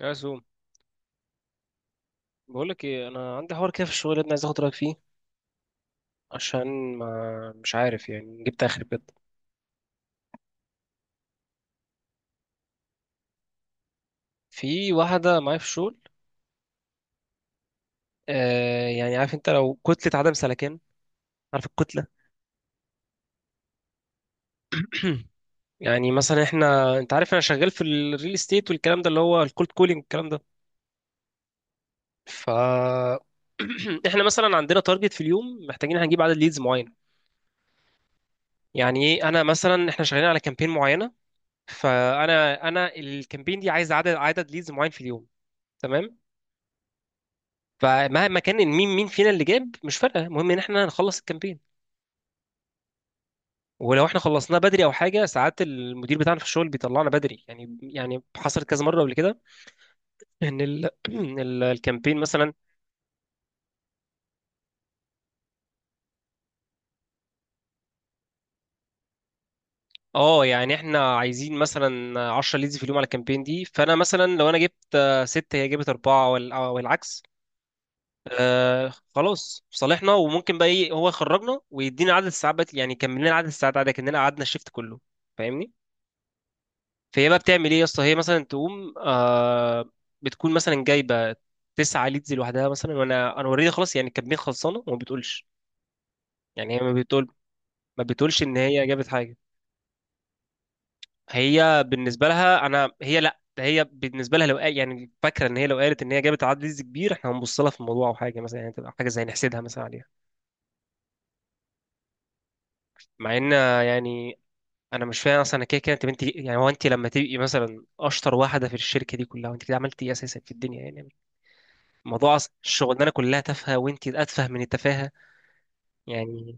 يا سو، بقول لك ايه، انا عندي حوار كده في الشغل ده، عايز اخد رايك فيه. عشان ما مش عارف، يعني جبت اخر بجد. في واحده معايا في الشغل. آه يعني، عارف انت لو كتله عدم سلكان؟ عارف الكتله؟ يعني مثلا انت عارف انا شغال في الريل استيت والكلام ده، اللي هو الكولد كولينج والكلام ده. ف احنا مثلا عندنا تارجت في اليوم، محتاجين هنجيب عدد ليدز معين. يعني ايه، انا مثلا احنا شغالين على كامبين معينه، فانا الكامبين دي عايز عدد ليدز معين في اليوم، تمام؟ فمهما كان إن مين مين فينا اللي جاب مش فارقه، المهم ان احنا نخلص الكامبين. ولو احنا خلصناه بدري او حاجه، ساعات المدير بتاعنا في الشغل بيطلعنا بدري. يعني حصلت كذا مره قبل كده، ان الكامبين مثلا. اه يعني، احنا عايزين مثلا 10 ليدز في اليوم على الكامبين دي، فانا مثلا لو انا جبت ست، هي جابت اربعه، والعكس. خلاص، في صالحنا. وممكن بقى ايه، هو يخرجنا ويدينا عدد الساعات يعني يكمل لنا عدد الساعات عادي كاننا قعدنا الشيفت كله، فاهمني؟ فهي بقى بتعمل ايه يا اسطى، هي مثلا تقوم بتكون مثلا جايبه تسعة ليدز لوحدها مثلا، وانا اوريدي خلاص، يعني الكميه خلصانه، وما بتقولش. يعني هي، ما بتقولش ان هي جابت حاجه. هي بالنسبه لها انا، هي لا، ده هي بالنسبه لها لو قال، يعني فاكره ان هي لو قالت ان هي جابت عدد ليدز كبير احنا هنبص لها في الموضوع او حاجه، مثلا يعني تبقى حاجه زي نحسدها مثلا عليها. مع ان، يعني انا مش فاهم اصلا، أنا كده كده. انت بنتي يعني، هو انت لما تبقي مثلا اشطر واحده في الشركه دي كلها، وانت كده عملتي ايه اساسا في الدنيا يعني؟ موضوع الشغلانه كلها تافهه وانت اتفه من التفاهه، يعني.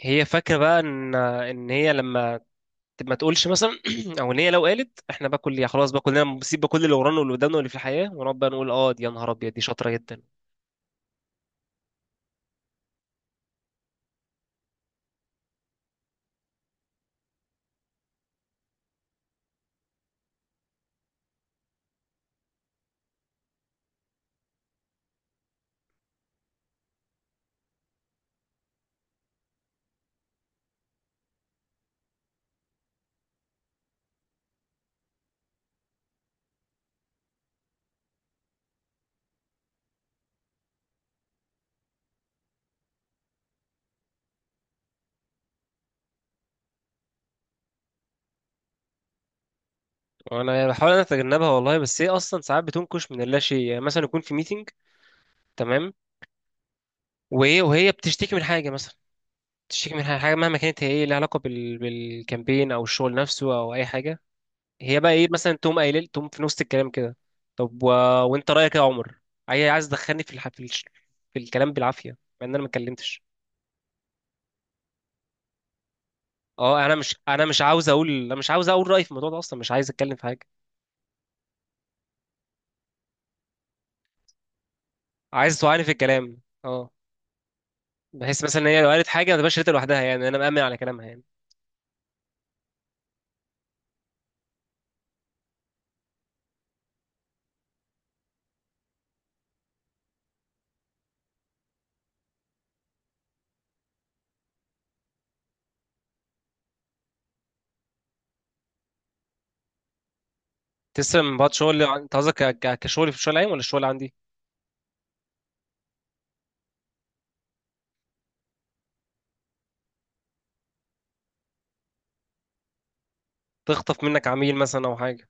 هي فاكره بقى ان هي لما ما تقولش مثلا، او ان هي لو قالت، احنا بقى خلاص بقى، كلنا بنسيب بقى كل اللي ورانا واللي قدامنا واللي في الحياه، ونقعد بقى نقول اه دي يا نهار ابيض دي شاطره جدا. وانا بحاول انا اتجنبها والله، بس هي اصلا ساعات بتنكش من اللا شيء. يعني مثلا يكون في ميتنج، تمام؟ وهي بتشتكي من حاجه مثلا، بتشتكي من حاجه مهما كانت هي ايه، لها علاقه بالكامبين او الشغل نفسه او اي حاجه. هي بقى ايه، مثلا تقوم تقوم في نص الكلام كده، طب و... وانت رايك إيه يا عمر؟ هي عايز تدخلني في الح... في, الش... في الكلام بالعافيه، مع ان انا ما اتكلمتش. اه انا مش انا مش عاوز اقول انا مش عاوز اقول رايي في الموضوع ده اصلا، مش عايز اتكلم في حاجه، عايز توعاني في الكلام. اه بحس مثلا ان هي لو قالت حاجه ما تبقاش قالتها لوحدها، يعني انا مأمن على كلامها يعني. تسلم من بعض شغل انت قصدك كشغل، في الشغل العام ولا الشغل عندي؟ تخطف منك عميل مثلا او حاجه.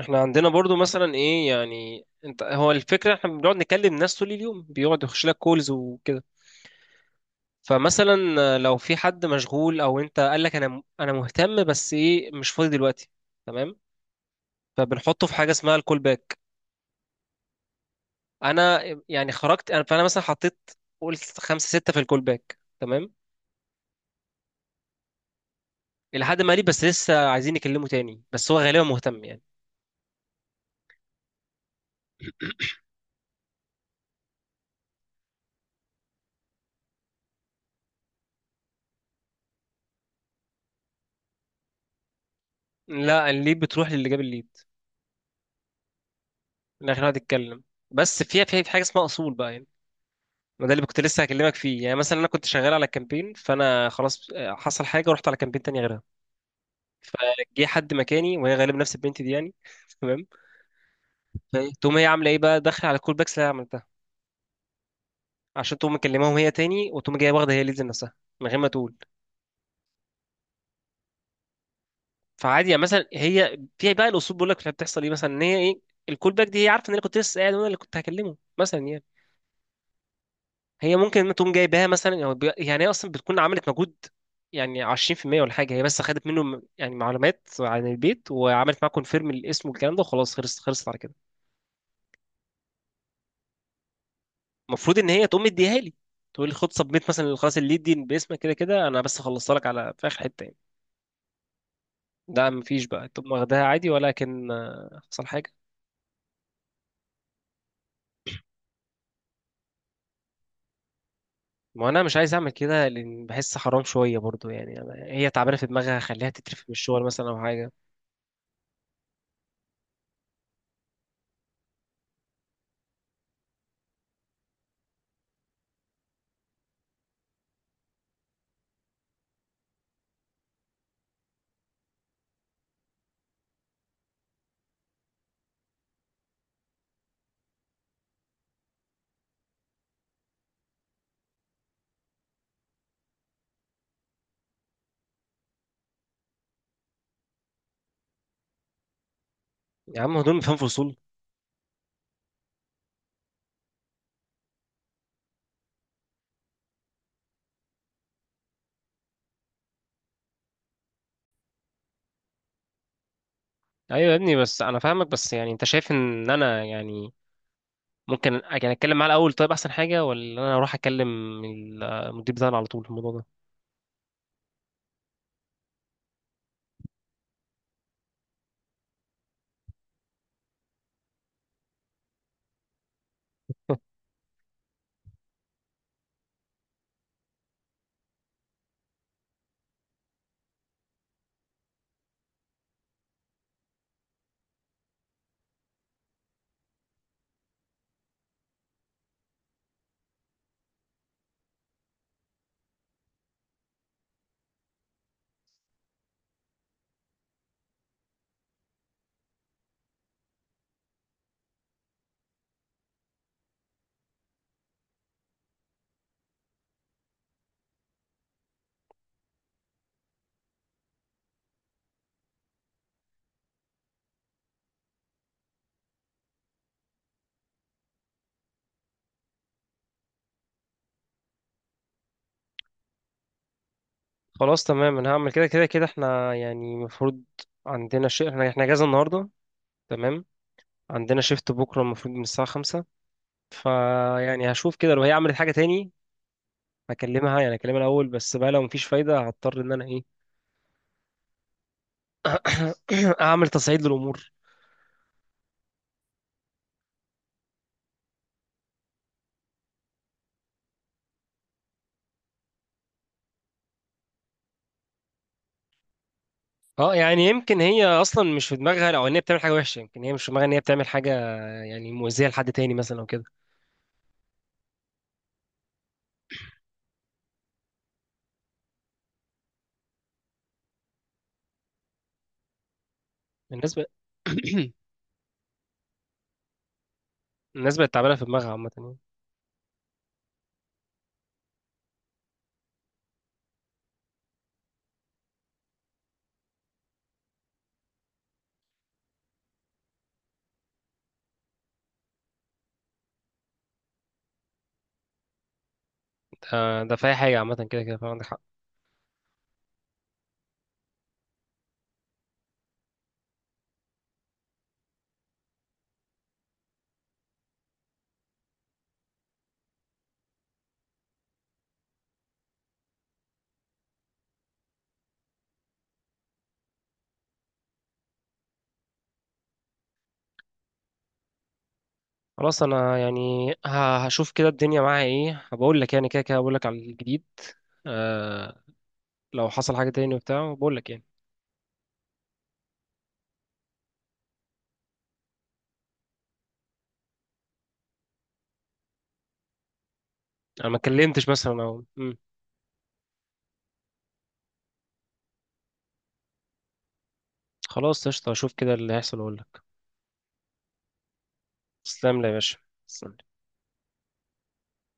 احنا عندنا برضو مثلا ايه يعني، انت هو الفكره احنا بنقعد نكلم ناس طول اليوم، بيقعد يخش لك كولز وكده. فمثلا لو في حد مشغول، او انت قال لك انا مهتم بس ايه، مش فاضي دلوقتي، تمام؟ فبنحطه في حاجه اسمها الكول باك. انا يعني خرجت انا، فانا مثلا حطيت، قلت خمسة ستة في الكول باك، تمام؟ الى حد ما ليه، بس لسه عايزين يكلمه تاني، بس هو غالبا مهتم يعني. لا، الليد بتروح للي جاب الليد. من الاخر هو يتكلم. بس فيها، في حاجه اسمها اصول بقى يعني، ما ده اللي كنت لسه هكلمك فيه. يعني مثلا انا كنت شغال على كامبين، فانا خلاص حصل حاجه ورحت على كامبين تاني غيرها. فجه حد مكاني، وهي غالبا نفس البنت دي يعني. تمام. تقوم هي عامله ايه بقى، داخله على الكول باكس اللي انا عملتها، عشان تقوم مكلماهم هي تاني، وتقوم جايه واخده هي ليدز نفسها من غير ما تقول. فعادي يعني، مثلا هي في بقى الاصول بيقول لك بتحصل ايه. مثلا ان هي ايه، الكول باك دي هي عارفه ان انا كنت لسه قاعد وانا اللي كنت هكلمه مثلا يعني. هي ممكن تقوم جايباها مثلا، يعني هي اصلا بتكون عملت مجهود يعني 20% ولا حاجه. هي بس خدت منه يعني معلومات عن البيت، وعملت معاه كونفيرم الاسم والكلام ده، وخلاص خلصت على كده. المفروض ان هي تقوم مديها لي، تقول لي خد سبميت مثلا، خلاص الليد دي باسمك، كده كده انا بس خلصت لك على في اخر حته يعني. ده مفيش، بقى تقوم واخداها عادي. ولكن حصل حاجه. ما انا مش عايز اعمل كده، لان بحس حرام شويه برضو يعني. أنا هي تعبانه في دماغها، خليها تترفد من الشغل مثلا او حاجه. يا عم هدول فاهم في اصول؟ ايوه يا ابني، بس انا فاهمك. بس يعني انت شايف ان انا يعني ممكن يعني اتكلم معاه الاول، طيب احسن حاجه، ولا انا اروح اكلم المدير بتاعنا على طول في الموضوع ده؟ خلاص تمام، انا هعمل كده. كده كده احنا يعني المفروض عندنا شيء، احنا اجازه النهارده، تمام؟ عندنا شيفت بكره المفروض من الساعه خمسة. فيعني هشوف كده، لو هي عملت حاجه تاني هكلمها الاول. بس بقى لو مفيش فايده، هضطر ان انا ايه، اعمل تصعيد للامور. اه يعني يمكن هي اصلا مش في دماغها، او ان هي بتعمل حاجه وحشه. يمكن هي مش في دماغها ان هي بتعمل حاجه يعني مؤذيه لحد تاني مثلا او كده. الناس بقى الناس بقت تعبانه في دماغها عامه يعني. ده في اي حاجه، عامه كده كده، فعندك حق. خلاص، انا يعني هشوف كده الدنيا معايا ايه، بقول لك يعني. كده كده بقول لك على الجديد. آه لو حصل حاجه تاني وبتاع بقول لك يعني، انا ما اتكلمتش مثلا، او مم. خلاص، قشطه، اشوف كده اللي هيحصل واقول لك. تسلم لي يا باشا. تسلم.